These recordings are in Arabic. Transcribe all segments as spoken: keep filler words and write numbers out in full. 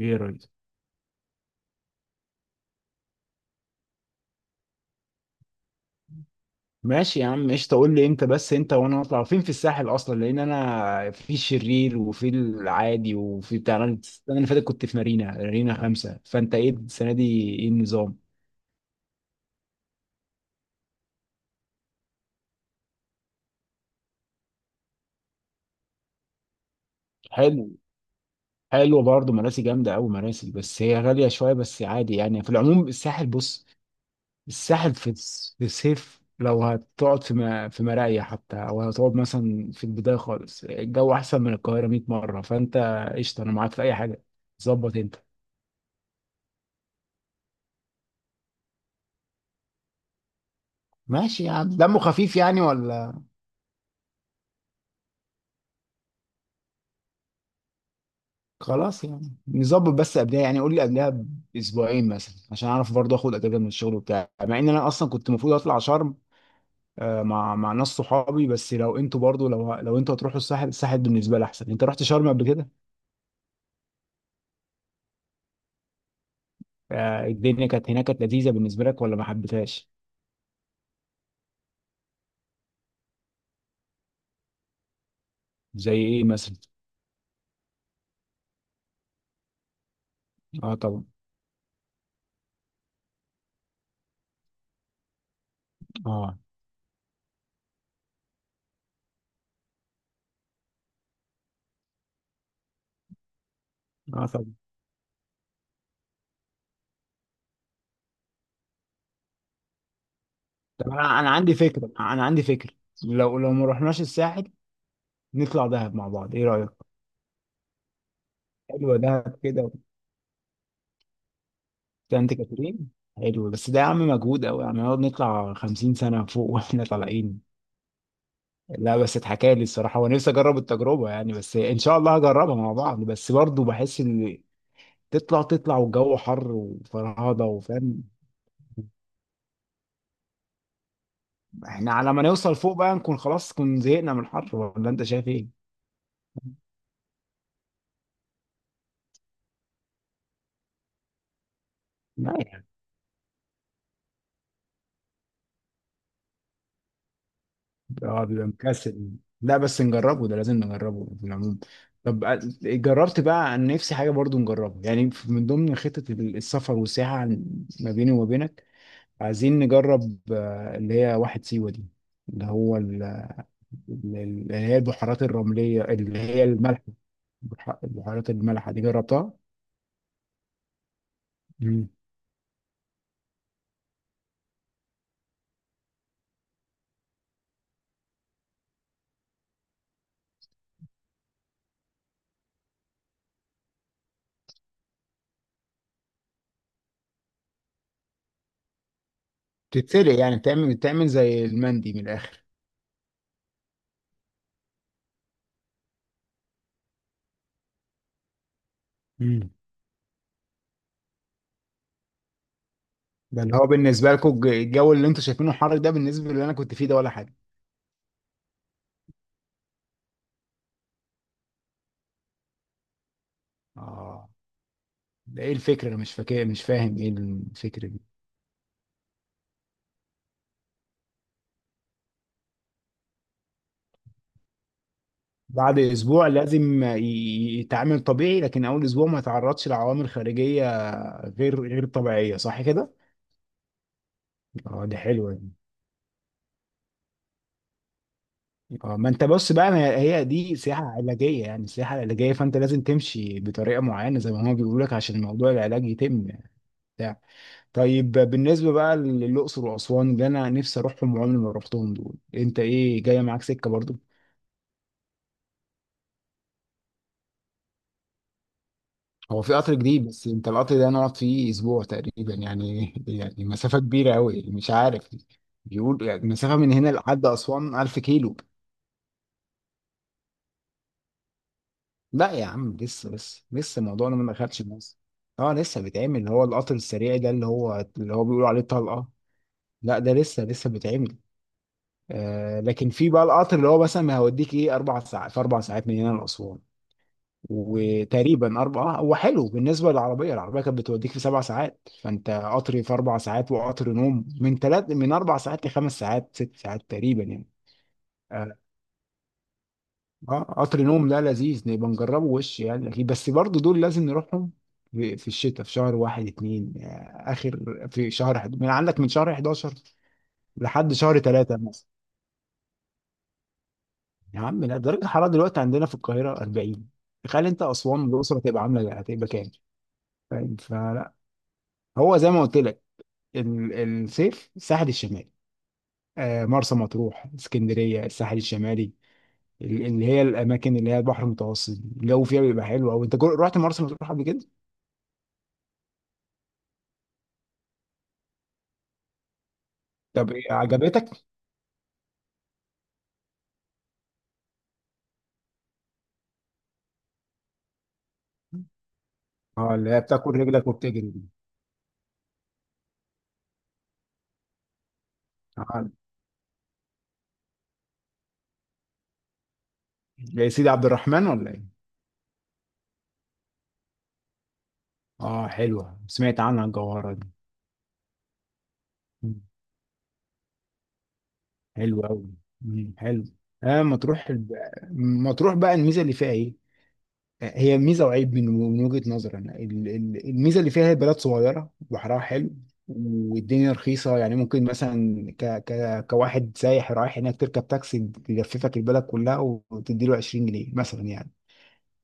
ايه ريس؟ ماشي يا عم قشطه، قول لي امتى بس انت وانا نطلع فين في الساحل اصلا. لان انا في الشرير وفي العادي وفي بتاع، انا السنه اللي فاتت كنت في مارينا مارينا خمسه، فانت ايه السنه دي، ايه النظام؟ حلو. حلو برضه، مراسي جامده قوي مراسي، بس هي غاليه شويه، بس عادي يعني في العموم الساحل. بص الساحل في الس- في الصيف، لو هتقعد في ما- في مرايا حتى او هتقعد مثلا في البدايه خالص، الجو احسن من القاهره مية مره. فانت قشطه، انا معاك في اي حاجه. ظبط انت. ماشي، يعني دمه خفيف يعني ولا؟ خلاص يعني نظبط، بس قبلها يعني قول لي قبلها باسبوعين مثلا، عشان اعرف برضه اخد اجازه من الشغل بتاعي، مع ان انا اصلا كنت المفروض اطلع شرم. آه، مع مع ناس صحابي، بس لو انتوا برضه، لو لو انتوا هتروحوا الساحل، الساحل بالنسبه لي احسن. انت رحت شرم قبل كده؟ آه، الدنيا كانت هناك، كانت لذيذه بالنسبه لك ولا ما حبيتهاش؟ زي ايه مثلا؟ اه طبعا. اه. اه طبعا. طب انا، انا عندي فكره انا عندي فكره. لو لو ما رحناش الساحل، نطلع دهب مع بعض، ايه رايك؟ حلوه دهب كده. سانت كاترين. حلو بس ده يا عم مجهود قوي، يعني نقعد نطلع خمسين سنة فوق واحنا طالعين. لا، بس اتحكى لي الصراحة ونفسي اجرب التجربة يعني، بس ان شاء الله هجربها مع بعض. بس برضه بحس ان تطلع تطلع والجو حر وفرهضة، وفاهم، احنا على ما نوصل فوق بقى نكون خلاص كنا زهقنا من الحر، ولا انت شايف ايه؟ لا. اه بيبقى مكسل. لا بس نجربه، ده لازم نجربه في العموم. طب أ- جربت بقى، عن نفسي حاجة برضو نجربها يعني، في- من ضمن خطة ال- السفر والسياحة، عن- ما بيني وما بينك، عايزين نجرب آه، اللي هي واحد سيوة دي، اللي هو ال- ال- اللي هي البحيرات الرملية اللي هي الملح. البح- البحيرات المالحة دي جربتها؟ مم. بتتسلق يعني، بتعمل بتعمل زي المندي من الآخر. امم. ده اللي هو بالنسبة لكم الج- الجو اللي انتوا شايفينه حر ده، بالنسبة اللي انا كنت فيه ده ولا حاجة. اه. ده ايه الفكرة؟ انا مش فاكر، مش فاهم ايه الفكرة دي. بعد اسبوع لازم ي- يتعامل طبيعي، لكن اول اسبوع ما يتعرضش لعوامل خارجية غير غير طبيعية، صح كده؟ اه دي حلوة دي. اه ما انت بص بقى، ما هي دي سياحة علاجية، يعني سياحة علاجية فانت لازم تمشي بطريقة معينة زي ما هو بيقول لك، عشان موضوع العلاج يتم يعني. بتاع. طيب بالنسبة بقى للأقصر وأسوان اللي أنا نفسي أروحهم وعمري ما رحتهم دول، أنت إيه جاية معاك سكة برضو؟ هو في قطر جديد، بس انت القطر ده نقعد فيه اسبوع تقريبا يعني يعني مسافه كبيره قوي، مش عارف. بيقول يعني مسافه من هنا لحد اسوان ألف كيلو. لا يا عم، لسه لسه لسه الموضوع ده ما دخلش مصر. اه لسه بيتعمل، اللي هو القطر السريع ده، اللي هو اللي هو بيقولوا عليه طلقه. لا ده لسه لسه بيتعمل. آه لكن في بقى القطر اللي هو مثلا هيوديك ايه، اربع ساعات، في اربع ساعات من هنا لاسوان، وتقريبا اربعه. هو حلو بالنسبه للعربيه، العربيه كانت بتوديك في سبع ساعات، فانت قطر في اربع ساعات، وقطر نوم من ثلاث، من اربع ساعات لخمس ساعات ست ساعات تقريبا يعني. اه. آه، قطر نوم ده لذيذ، نبقى نجربه وش يعني أكيد. بس برضو دول لازم نروحهم في في الشتاء، في شهر واحد اتنين، آه، اخر، في شهر حد. من عندك من شهر احد عشر لحد شهر ثلاثة مثلا. يا عم لا، درجة الحرارة دلوقتي عندنا في القاهرة أربعين، تخيل انت اسوان والاقصر هتبقى عاملة، هتبقى كام؟ فاهم؟ فلا. هو زي ما قلت لك، ال- الصيف الساحل الشمالي، آه، مرسى مطروح اسكندريه، الساحل الشمالي، ال- اللي هي الاماكن اللي هي البحر المتوسط الجو فيها بيبقى حلو قوي. انت جو- رحت مرسى مطروح قبل كده؟ طب إيه، عجبتك؟ اه اللي هي بتاكل رجلك وبتجري دي. اه يا سيدي عبد الرحمن ولا ايه؟ اه حلوه، سمعت عنها الجوهره دي. مم. حلوه قوي. حلو. اه مطروح الب- مطروح بقى الميزه اللي فيها ايه؟ هي ميزه وعيب، من من وجهه نظري انا. ال- ال- الميزه اللي فيها هي بلد صغيره، بحرها حلو، والدنيا رخيصه يعني، ممكن مثلا ك ك كواحد سايح رايح هناك تركب تاكسي يلففك البلد كلها وتديله عشرين جنيه مثلا يعني.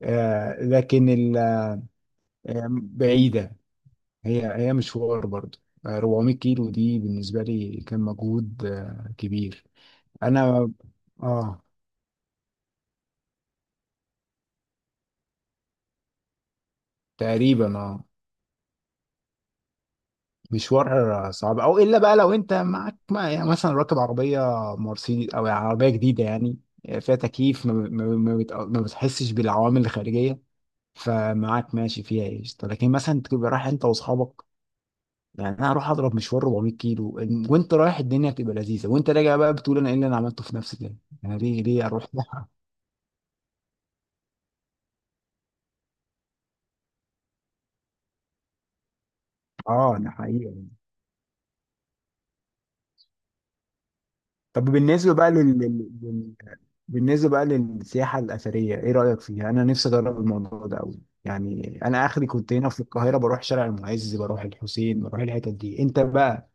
آه لكن ال- آه، بعيده. هي هي مشوار برضه، آه، أربعمية كيلو دي بالنسبه لي كان مجهود آه، كبير. انا. اه. تقريبا اه. مشوار صعب، او الا بقى لو انت معاك ما- يعني مثلا راكب عربيه مرسيدس او عربيه جديده يعني، فيها تكييف، ما, ما, ما, بت- ما بتحسش بالعوامل الخارجيه، فمعاك ماشي فيها قشطه. لكن مثلا تبقى رايح انت واصحابك يعني، انا هروح اضرب مشوار أربعمية كيلو، إن- وانت رايح الدنيا بتبقى لذيذه، وانت راجع بقى بتقول انا ايه اللي انا عملته في نفسي ده، انا ليه ليه اروح ده. اه ده حقيقي. طب بالنسبة بقى لل... لل... لل- بالنسبة بقى للسياحة الأثرية إيه رأيك فيها؟ أنا نفسي أجرب الموضوع ده أوي، يعني أنا آخري كنت هنا في القاهرة بروح شارع المعز، بروح الحسين، بروح الحتت دي. أنت بقى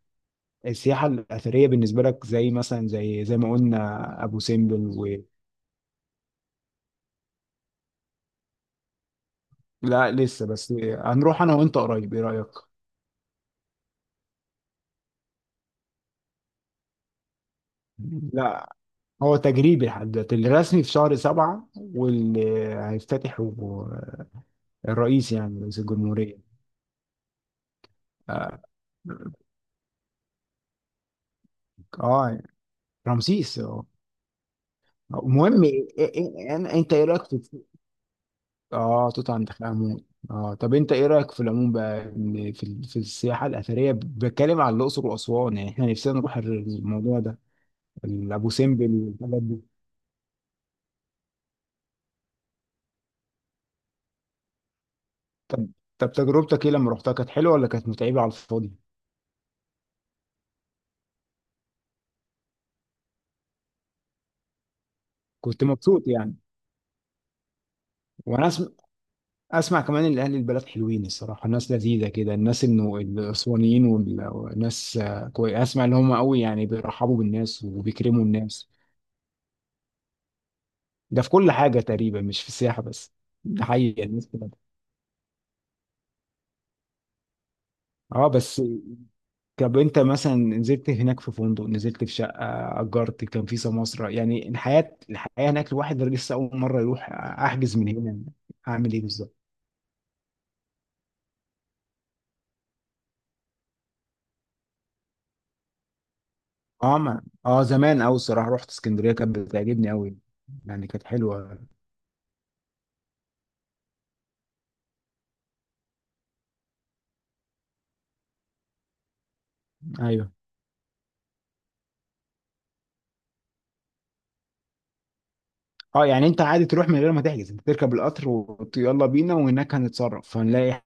السياحة الأثرية بالنسبة لك، زي مثلا زي زي ما قلنا أبو سمبل و... لا لسه، بس هنروح أنا وأنت قريب، إيه رأيك؟ لا، هو تجريبي لحد دلوقتي، الرسمي في شهر سبعة، واللي هيفتتحه الرئيس يعني رئيس الجمهورية. آه. آه، رمسيس اه. المهم إيه- إيه- إيه- أنا- انت ايه رايك في؟ اه توت عنخ امون اه. طب انت ايه رايك في العموم بقى، إن في ال- في السياحه الاثريه، بتكلم عن الاقصر واسوان، يعني احنا نفسنا نروح الموضوع ده، ال- ابو سمبل والحاجات دي. طب. طب تجربتك ايه لما رحتها، كانت حلوه ولا كانت متعبه على الفاضي؟ كنت مبسوط يعني. وانا اسمع، اسمع كمان ان اهل البلد حلوين الصراحه، الناس لذيذه كده، الناس انه الاسوانيين وال- والناس، آه، كوي، اسمع ان هم قوي يعني بيرحبوا بالناس وبيكرموا الناس. ده في كل حاجة تقريبا، مش في السياحة بس. ده حقيقي، الناس كده. اه بس. طب انت مثلا نزلت هناك في فندق، نزلت في شقة أجرت، كان في سماسرة، يعني الحياة الحياة هناك الواحد لسه أول مرة يروح، أحجز من هنا؟ أعمل إيه بالظبط؟ اه، ما اه زمان أوي الصراحة، رحت اسكندرية كانت بتعجبني أوي، يعني كانت حلوة. ايوه. اه يعني انت عادي تروح من غير ما تحجز، انت تركب القطر ويلا بينا، وهناك هنتصرف هنلاقي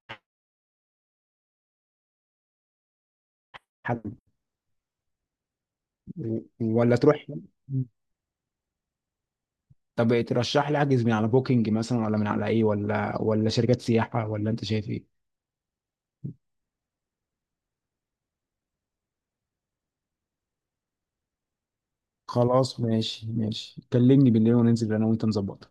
حد؟ و- ولا تروح؟ طب ترشح لي احجز من على بوكينج مثلا، ولا من على ايه، ولا ولا شركات سياحة، ولا انت شايف ايه؟ خلاص، ماشي ماشي، كلمني بالليل وننزل انا وانت نظبطها.